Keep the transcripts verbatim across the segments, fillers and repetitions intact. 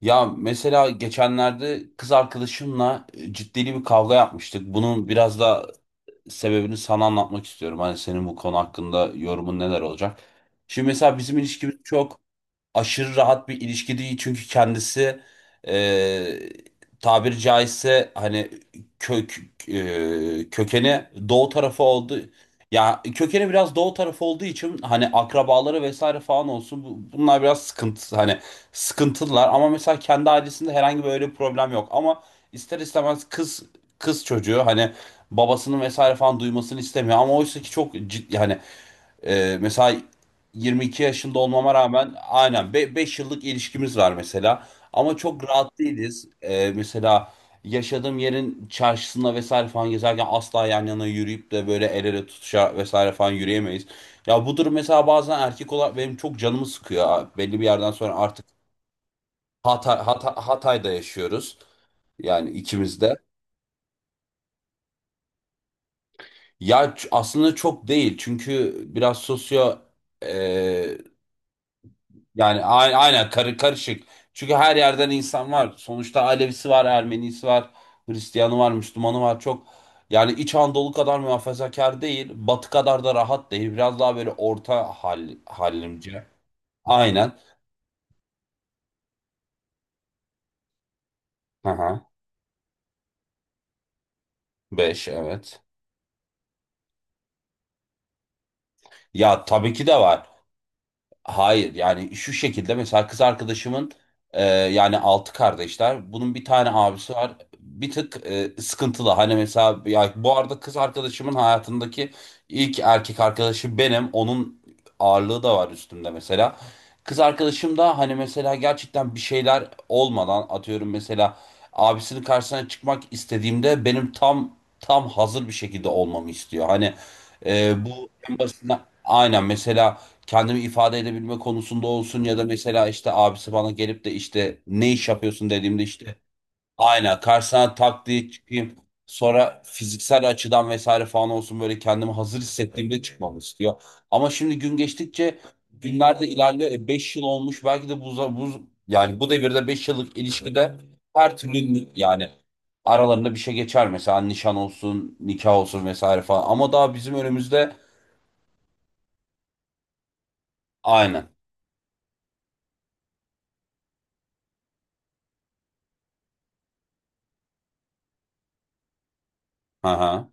Ya mesela geçenlerde kız arkadaşımla e, ciddi bir kavga yapmıştık. Bunun biraz da sebebini sana anlatmak istiyorum. Hani senin bu konu hakkında yorumun neler olacak? Şimdi mesela bizim ilişkimiz çok aşırı rahat bir ilişki değil, çünkü kendisi, e, tabiri caizse hani kök e, kökeni doğu tarafı oldu. Ya kökeni biraz doğu tarafı olduğu için hani akrabaları vesaire falan olsun, bu- bunlar biraz sıkıntı, hani sıkıntılılar. Ama mesela kendi ailesinde herhangi böyle bir problem yok, ama ister istemez kız kız çocuğu hani babasının vesaire falan duymasını istemiyor, ama oysa ki çok ciddi yani ee, mesela yirmi iki yaşında olmama rağmen aynen beş yıllık ilişkimiz var mesela. Ama çok rahat değiliz. Ee, mesela yaşadığım yerin çarşısında vesaire falan gezerken asla yan yana yürüyüp de böyle el ele tutuşa vesaire falan yürüyemeyiz. Ya bu durum mesela bazen erkek olarak benim çok canımı sıkıyor. Belli bir yerden sonra artık... Hatay, Hatay- Hatay'da yaşıyoruz. Yani ikimiz de. Ya ç- aslında çok değil. Çünkü biraz sosyo ee, Yani a- aynen karı karışık. Çünkü her yerden insan var. Sonuçta Alevisi var, Ermenisi var, Hristiyanı var, Müslümanı var. Çok yani, İç Anadolu kadar muhafazakar değil, Batı kadar da rahat değil. Biraz daha böyle orta hal, hallimce. Aynen. Aha. Beş, evet. Ya tabii ki de var. Hayır, yani şu şekilde mesela kız arkadaşımın e, yani altı kardeşler. Bunun bir tane abisi var. Bir tık e, sıkıntılı. Hani mesela ya, bu arada kız arkadaşımın hayatındaki ilk erkek arkadaşı benim. Onun ağırlığı da var üstümde mesela. Kız arkadaşım da hani mesela gerçekten bir şeyler olmadan atıyorum mesela abisinin karşısına çıkmak istediğimde benim tam tam hazır bir şekilde olmamı istiyor. Hani e, bu en basitinden aynen mesela kendimi ifade edebilme konusunda olsun, ya da mesela işte abisi bana gelip de işte ne iş yapıyorsun dediğimde işte aynen karşısına tak diye çıkayım. Sonra fiziksel açıdan vesaire falan olsun böyle kendimi hazır hissettiğimde çıkmamı istiyor. Ama şimdi gün geçtikçe günler de ilerliyor. E, Beş yıl olmuş, belki de bu, bu yani bu devirde beş yıllık ilişkide her türlü yani aralarında bir şey geçer, mesela nişan olsun, nikah olsun vesaire falan. Ama daha bizim önümüzde... aynen. Aha.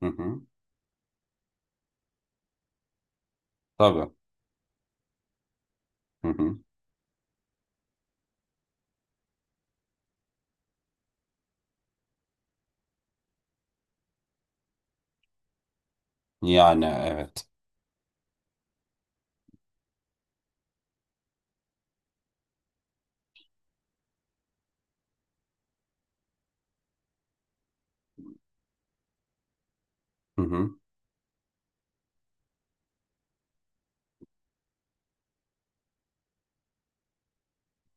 Hı hı. Tabii. Hı hı. Yani evet. Hı hı.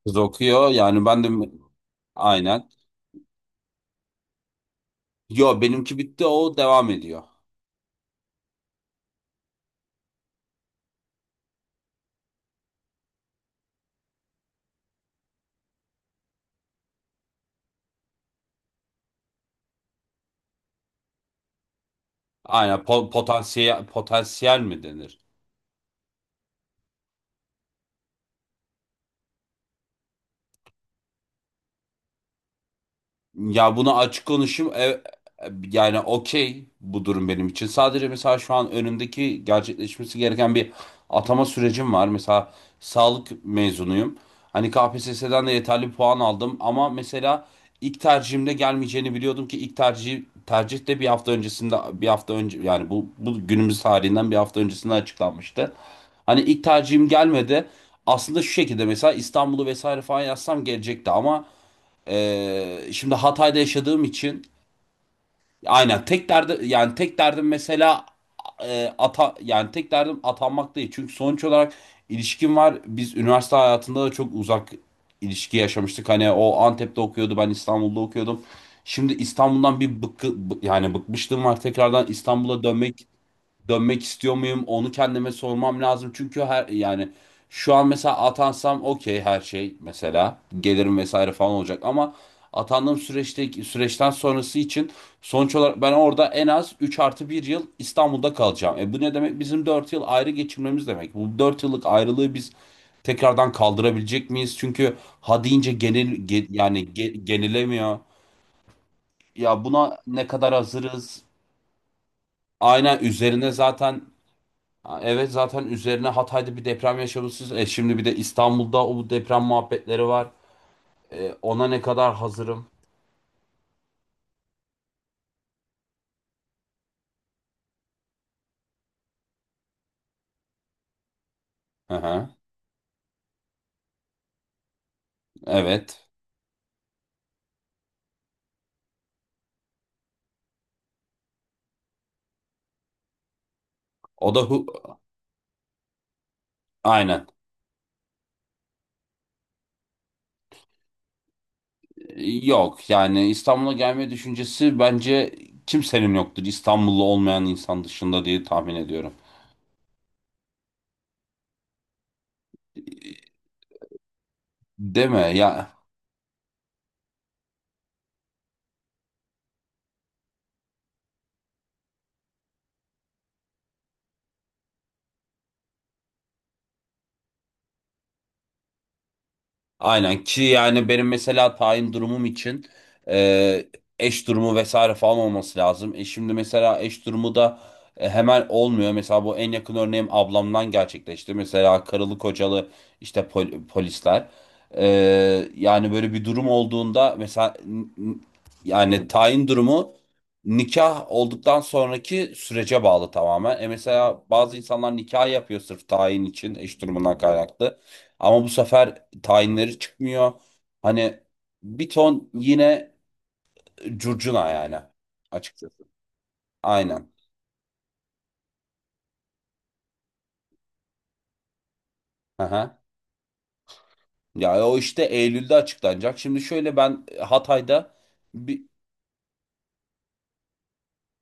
Kız okuyor, yani ben de... Aynen. Yo, benimki bitti, o devam ediyor. Aynen, po- potansiyel potansiyel mi denir? Ya bunu açık konuşayım. E, e, yani okey, bu durum benim için. Sadece mesela şu an önümdeki gerçekleşmesi gereken bir atama sürecim var. Mesela sağlık mezunuyum. Hani K P S S'den de yeterli puan aldım, ama mesela ilk tercihimde gelmeyeceğini biliyordum ki ilk tercih tercih de bir hafta öncesinde bir hafta önce, yani bu bu günümüz tarihinden bir hafta öncesinde açıklanmıştı. Hani ilk tercihim gelmedi. Aslında şu şekilde, mesela İstanbul'u vesaire falan yazsam gelecekti, ama ee, şimdi Hatay'da yaşadığım için aynen tek derdi yani tek derdim mesela e, ata yani tek derdim atanmak değil. Çünkü sonuç olarak ilişkim var. Biz üniversite hayatında da çok uzak ilişki yaşamıştık. Hani o Antep'te okuyordu, ben İstanbul'da okuyordum. Şimdi İstanbul'dan bir bıkkı, bı- yani bıkmışlığım var. Tekrardan İstanbul'a dönmek dönmek istiyor muyum? Onu kendime sormam lazım. Çünkü her yani şu an mesela atansam okey, her şey mesela gelirim vesaire falan olacak, ama atandığım süreçte süreçten sonrası için sonuç olarak ben orada en az üç artı bir yıl İstanbul'da kalacağım. E bu ne demek? Bizim dört yıl ayrı geçirmemiz demek. Bu dört yıllık ayrılığı biz tekrardan kaldırabilecek miyiz? Çünkü ha deyince genel ge- yani ge- genelemiyor. Ya, buna ne kadar hazırız? Aynen, üzerine zaten... Ha, evet, zaten üzerine Hatay'da bir deprem yaşamışsınız. E şimdi bir de İstanbul'da o deprem muhabbetleri var. E, ona ne kadar hazırım? Hı hı. Evet. O da hu- aynen. E, Yok yani İstanbul'a gelme düşüncesi bence kimsenin yoktur. İstanbullu olmayan insan dışında diye tahmin ediyorum. Değil mi? Ya... Aynen, ki yani benim mesela tayin durumum için e, eş durumu vesaire falan olması lazım. E şimdi mesela eş durumu da e, hemen olmuyor. Mesela bu en yakın örneğim ablamdan gerçekleşti. Mesela karılı kocalı işte pol- polisler. E, Yani böyle bir durum olduğunda mesela n- n- yani tayin durumu nikah olduktan sonraki sürece bağlı tamamen. E mesela bazı insanlar nikah yapıyor sırf tayin için, eş durumundan kaynaklı. Ama bu sefer tayinleri çıkmıyor. Hani bir ton yine curcuna yani, açıkçası. Aynen. Aha. Ya, o işte Eylül'de açıklanacak. Şimdi şöyle, ben Hatay'da bir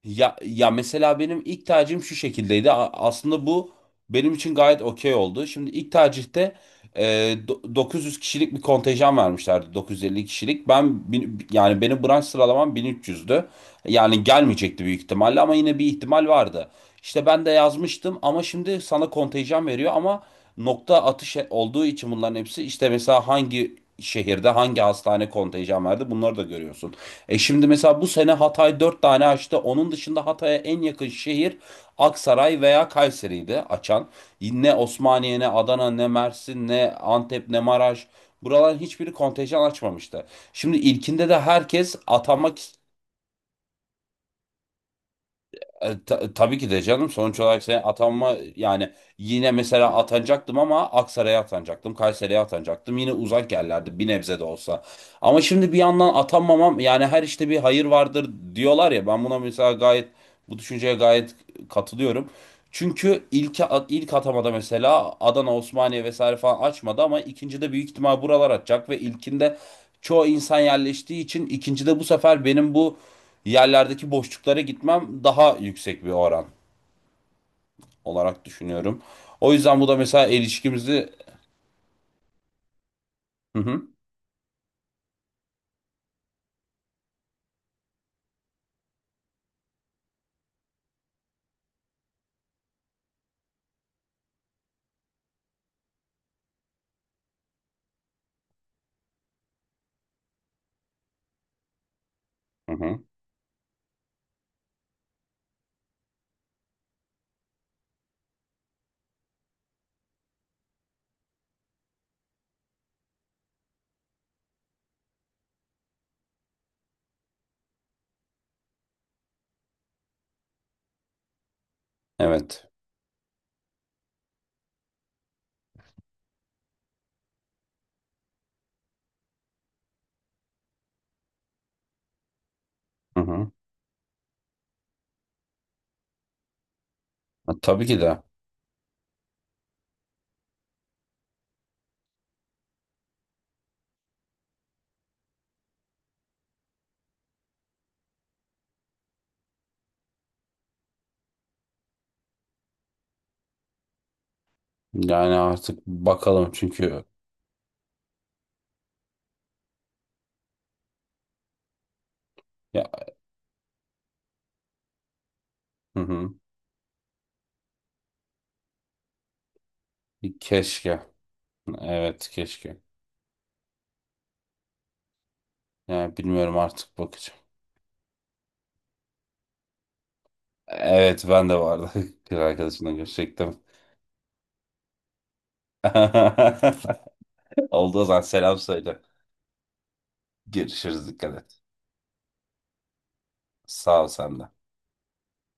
ya, ya mesela benim ilk tercihim şu şekildeydi. A- Aslında bu benim için gayet okey oldu. Şimdi ilk tercihte e, do- dokuz yüz kişilik bir kontenjan vermişlerdi. dokuz yüz elli kişilik. Ben bin- yani benim branş sıralamam bin üç yüzdü. Yani gelmeyecekti büyük ihtimalle, ama yine bir ihtimal vardı. İşte ben de yazmıştım, ama şimdi sana kontenjan veriyor ama nokta atış olduğu için bunların hepsi, işte mesela hangi şehirde hangi hastane kontenjan verdi bunları da görüyorsun. E şimdi mesela bu sene Hatay dört tane açtı. Onun dışında Hatay'a en yakın şehir Aksaray veya Kayseri'ydi açan. Ne Osmaniye, ne Adana, ne Mersin, ne Antep, ne Maraş. Buraların hiçbiri kontenjan açmamıştı. Şimdi ilkinde de herkes atanmak... E, ta- tabii ki de canım, sonuç olarak sen atanma yani yine mesela atanacaktım ama Aksaray'a atanacaktım, Kayseri'ye atanacaktım. Yine uzak yerlerdi bir nebze de olsa. Ama şimdi bir yandan atanmamam yani, her işte bir hayır vardır diyorlar ya, ben buna mesela gayet, bu düşünceye gayet katılıyorum. Çünkü ilk ilk atamada mesela Adana, Osmaniye vesaire falan açmadı, ama ikincide büyük ihtimal buralar atacak ve ilkinde çoğu insan yerleştiği için ikincide bu sefer benim bu yerlerdeki boşluklara gitmem daha yüksek bir oran olarak düşünüyorum. O yüzden bu da mesela ilişkimizi... Hı hı. Hı hı. Evet. Hı hı. Ha, tabii ki de. Yani artık bakalım, çünkü ya, hı hı. Keşke. Evet, keşke. Yani bilmiyorum, artık bakacağım. Evet, ben de vardı. Kız arkadaşımla görüşecektim. Olduğu zaman selam söyle. Görüşürüz, dikkat et. Sağ ol sen de.